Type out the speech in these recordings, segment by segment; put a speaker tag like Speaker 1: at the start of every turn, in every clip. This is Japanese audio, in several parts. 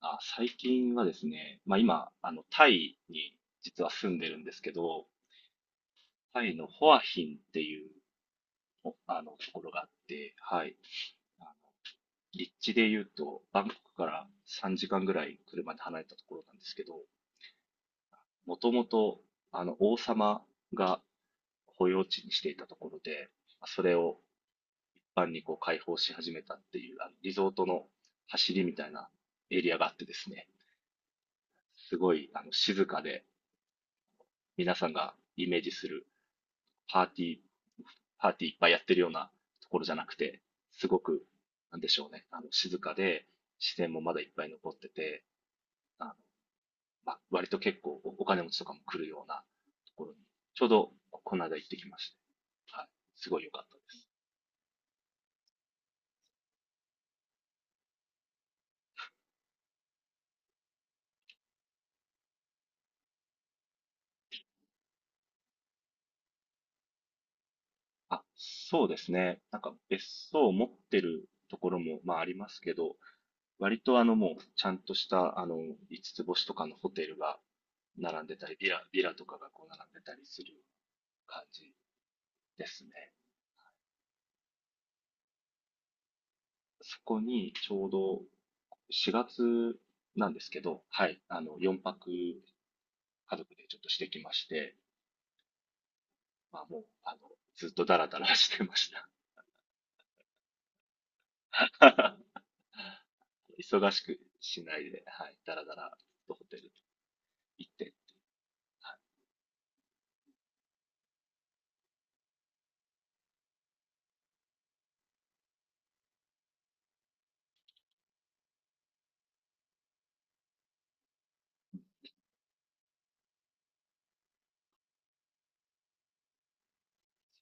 Speaker 1: あ、最近はですね、今、タイに実は住んでるんですけど、タイのホアヒンっていう、おあの、ところがあって、はい。あの立地で言うと、バンコクから3時間ぐらい車で離れたところなんですけど、もともと、王様が保養地にしていたところで、まあそれを一般にこう開放し始めたっていう、リゾートの走りみたいなエリアがあってですね、すごい、静かで、皆さんがイメージするパーティー、パーティーいっぱいやってるようなところじゃなくて、すごく、なんでしょうね、静かで、自然もまだいっぱい残ってて、あの、割と結構お金持ちとかも来るようなところに、ちょうどこの間行ってきまして、はい、すごい良かったです。あ、そうですね。なんか別荘を持ってるところも、まあありますけど、割と、もうちゃんとした五つ星とかのホテルが並んでたり、ビラとかがこう並んでたりする感じですね。そこにちょうど4月なんですけど、はい、4泊家族でちょっとしてきまして、まあもう、あの、ずっとダラダラしてました。忙しくしないで、はい、ダラダラとホテル行って、はい、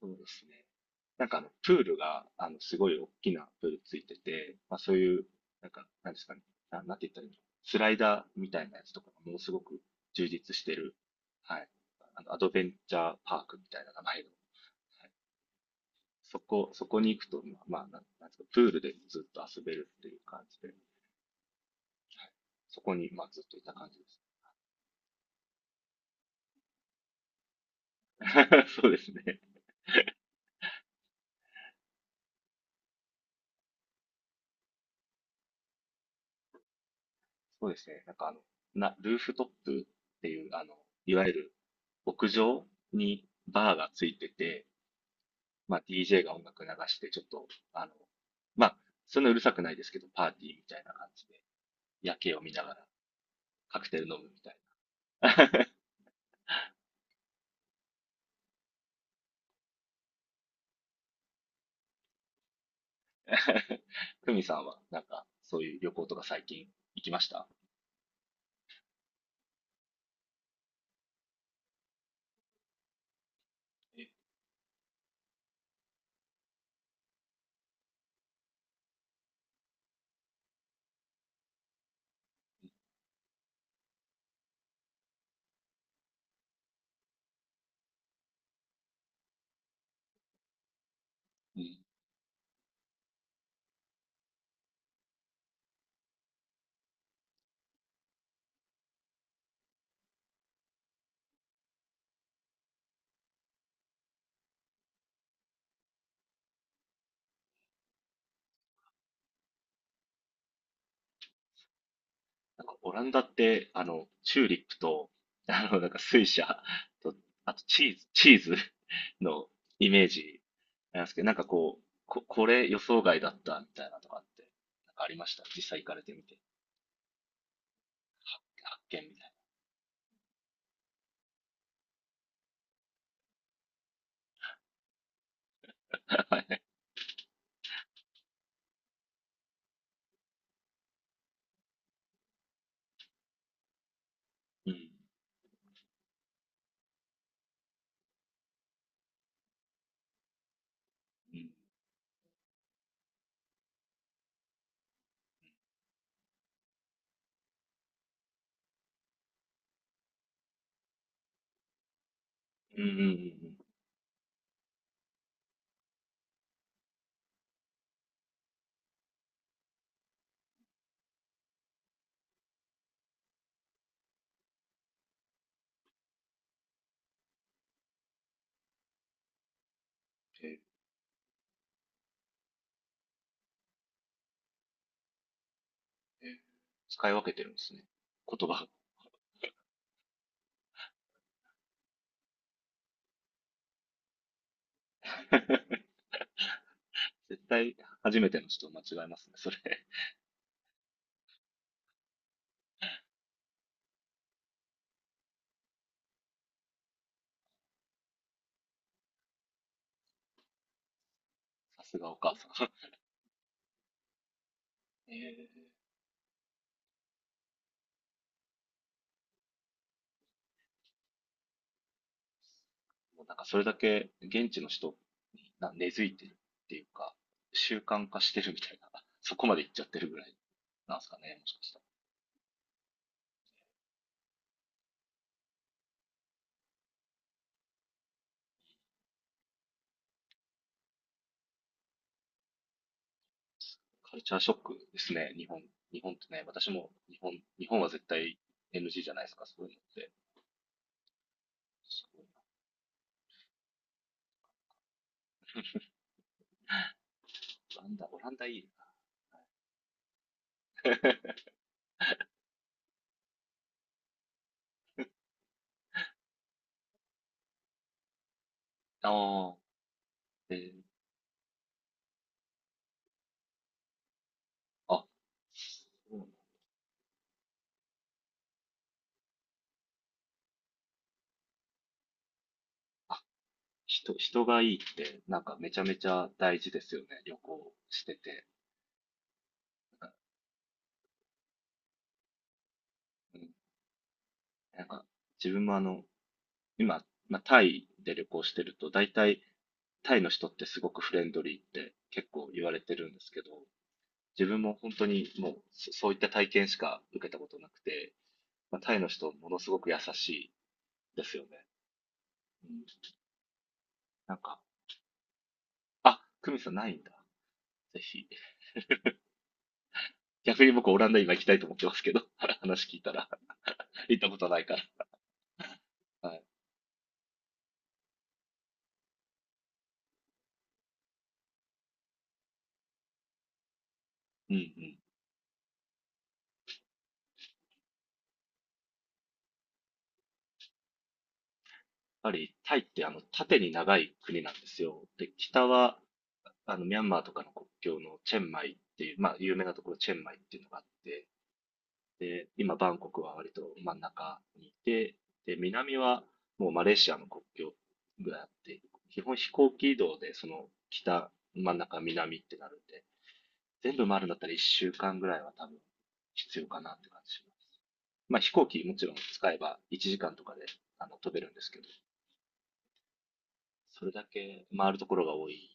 Speaker 1: そうですね。プールが、すごい大きなプールついてて、まあそういう、なんか、なんですかね、なんて言ったらいいの、スライダーみたいなやつとかがものすごく充実してる、はい、アドベンチャーパークみたいな名前の、はい、そこに行くと、まあ、なんなんですか、プールでずっと遊べるっていう感じで、はい、そこに、まあ、ずっといた感じです。そうですね。そうですね。ルーフトップっていう、いわゆる屋上にバーがついてて、まあ、DJ が音楽流して、ちょっと、まあ、そんなうるさくないですけど、パーティーみたいな感じで、夜景を見ながらカクテル飲むみたいな。ふみさんは、なんか、そういう旅行とか最近行きました？え、うん、なんかオランダって、チューリップと、なんか水車と、あとチーズ のイメージなんですけど、なんかこう、これ予想外だったみたいなとかって、なんかありました。実際行かれてみて、発見みたいな。うん。うん。うんうんうんうん。えー、えー、使い分けてるんですね。言葉。絶対初めての人間違えますね。それ。さすがお母さん。えー、なんかそれだけ現地の人に根付いてるっていうか、習慣化してるみたいな、そこまで行っちゃってるぐらいなんですかね、もしかしたら。カルチャーショックですね、日本。日本ってね、私も日本、日本は絶対 NG じゃないですか、そういうのって。すごいな。オランダいいな。ああ、えー、あ、そうなんだ。あ、人、人がいいって、なんかめちゃめちゃ大事ですよね、旅行してて。なんか、うん、なんか自分も今、まあ、タイで旅行してると、大体タイの人ってすごくフレンドリーって結構言われてるんですけど、自分も本当にもうそういった体験しか受けたことなくて、まあ、タイの人ものすごく優しいですよね。うん、なんか、あ、クミさんないんだ。ぜひ。逆に僕オランダ今行きたいと思ってますけど、話聞いたら行ったことないから。はい。うんうん。ぱりタイって縦に長い国なんですよ。で、北はミャンマーとかの国境のチェンマイっていう、まあ有名なところ、チェンマイっていうのがあって、で、今バンコクは割と真ん中にいて、で、南はもうマレーシアの国境ぐらいあって、基本飛行機移動でその北、真ん中、南ってなるんで、全部回るんだったら1週間ぐらいは多分必要かなって感じします。まあ飛行機もちろん使えば1時間とかで飛べるんですけど、それだけ回るところが多い。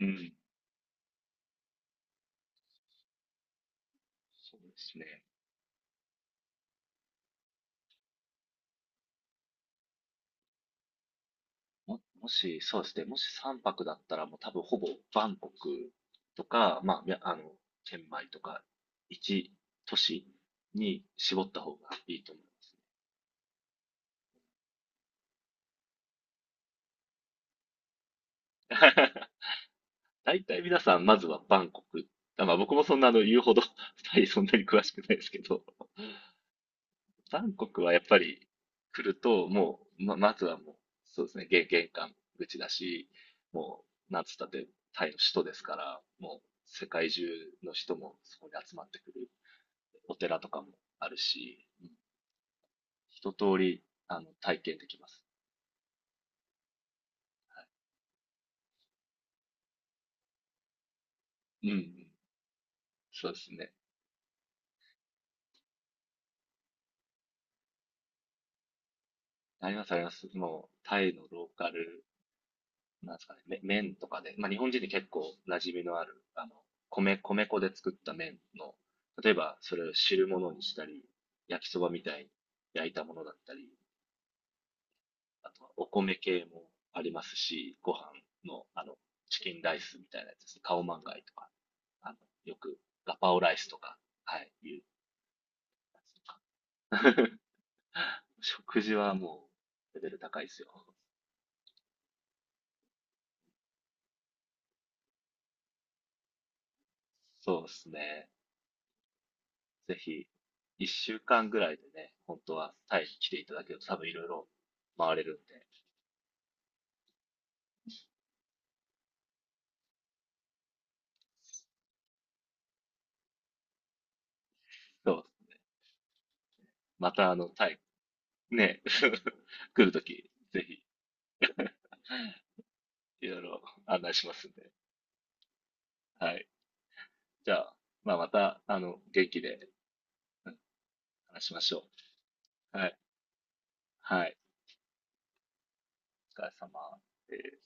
Speaker 1: うん。そうですね。もし3泊だったら、もう多分ほぼバンコクとか、まあ、チェンマイとか、一都市に絞った方がいいと思いますね。大体皆さん、まずはバンコク。まあ僕もそんな言うほど、タイそんなに詳しくないですけど、バンコクはやっぱり来ると、もう、ま、まずはもう、そうですね、玄関口だし、もう、なんつったって、タイの首都ですから、もう、世界中の人もそこに集まってくる。お寺とかもあるし、うん、一通り、体験できます。うん、うん、そうですね。あります、あります。もう、タイのローカルなんですかね、麺とかで、まあ、日本人に結構馴染みのある、米粉で作った麺の、例えばそれを汁物にしたり、焼きそばみたいに焼いたものだったり、あとはお米系もありますし、ご飯の、チキンライスみたいなやつですね、カオマンガイとか、あの、よくガパオライスとか、はい、いうやつとか。食事はもうレベル高いですよ。そうですね。ぜひ、一週間ぐらいでね、本当はタイに来ていただけると多分いろいろ回れるんで、そう、またあの、タイ、ね、来るとき、ぜひ、いろいろ案内しますんで。はい。じゃあ、まあ、また、あの、元気で、うん、話しましょう。はい。はい。お疲れ様です。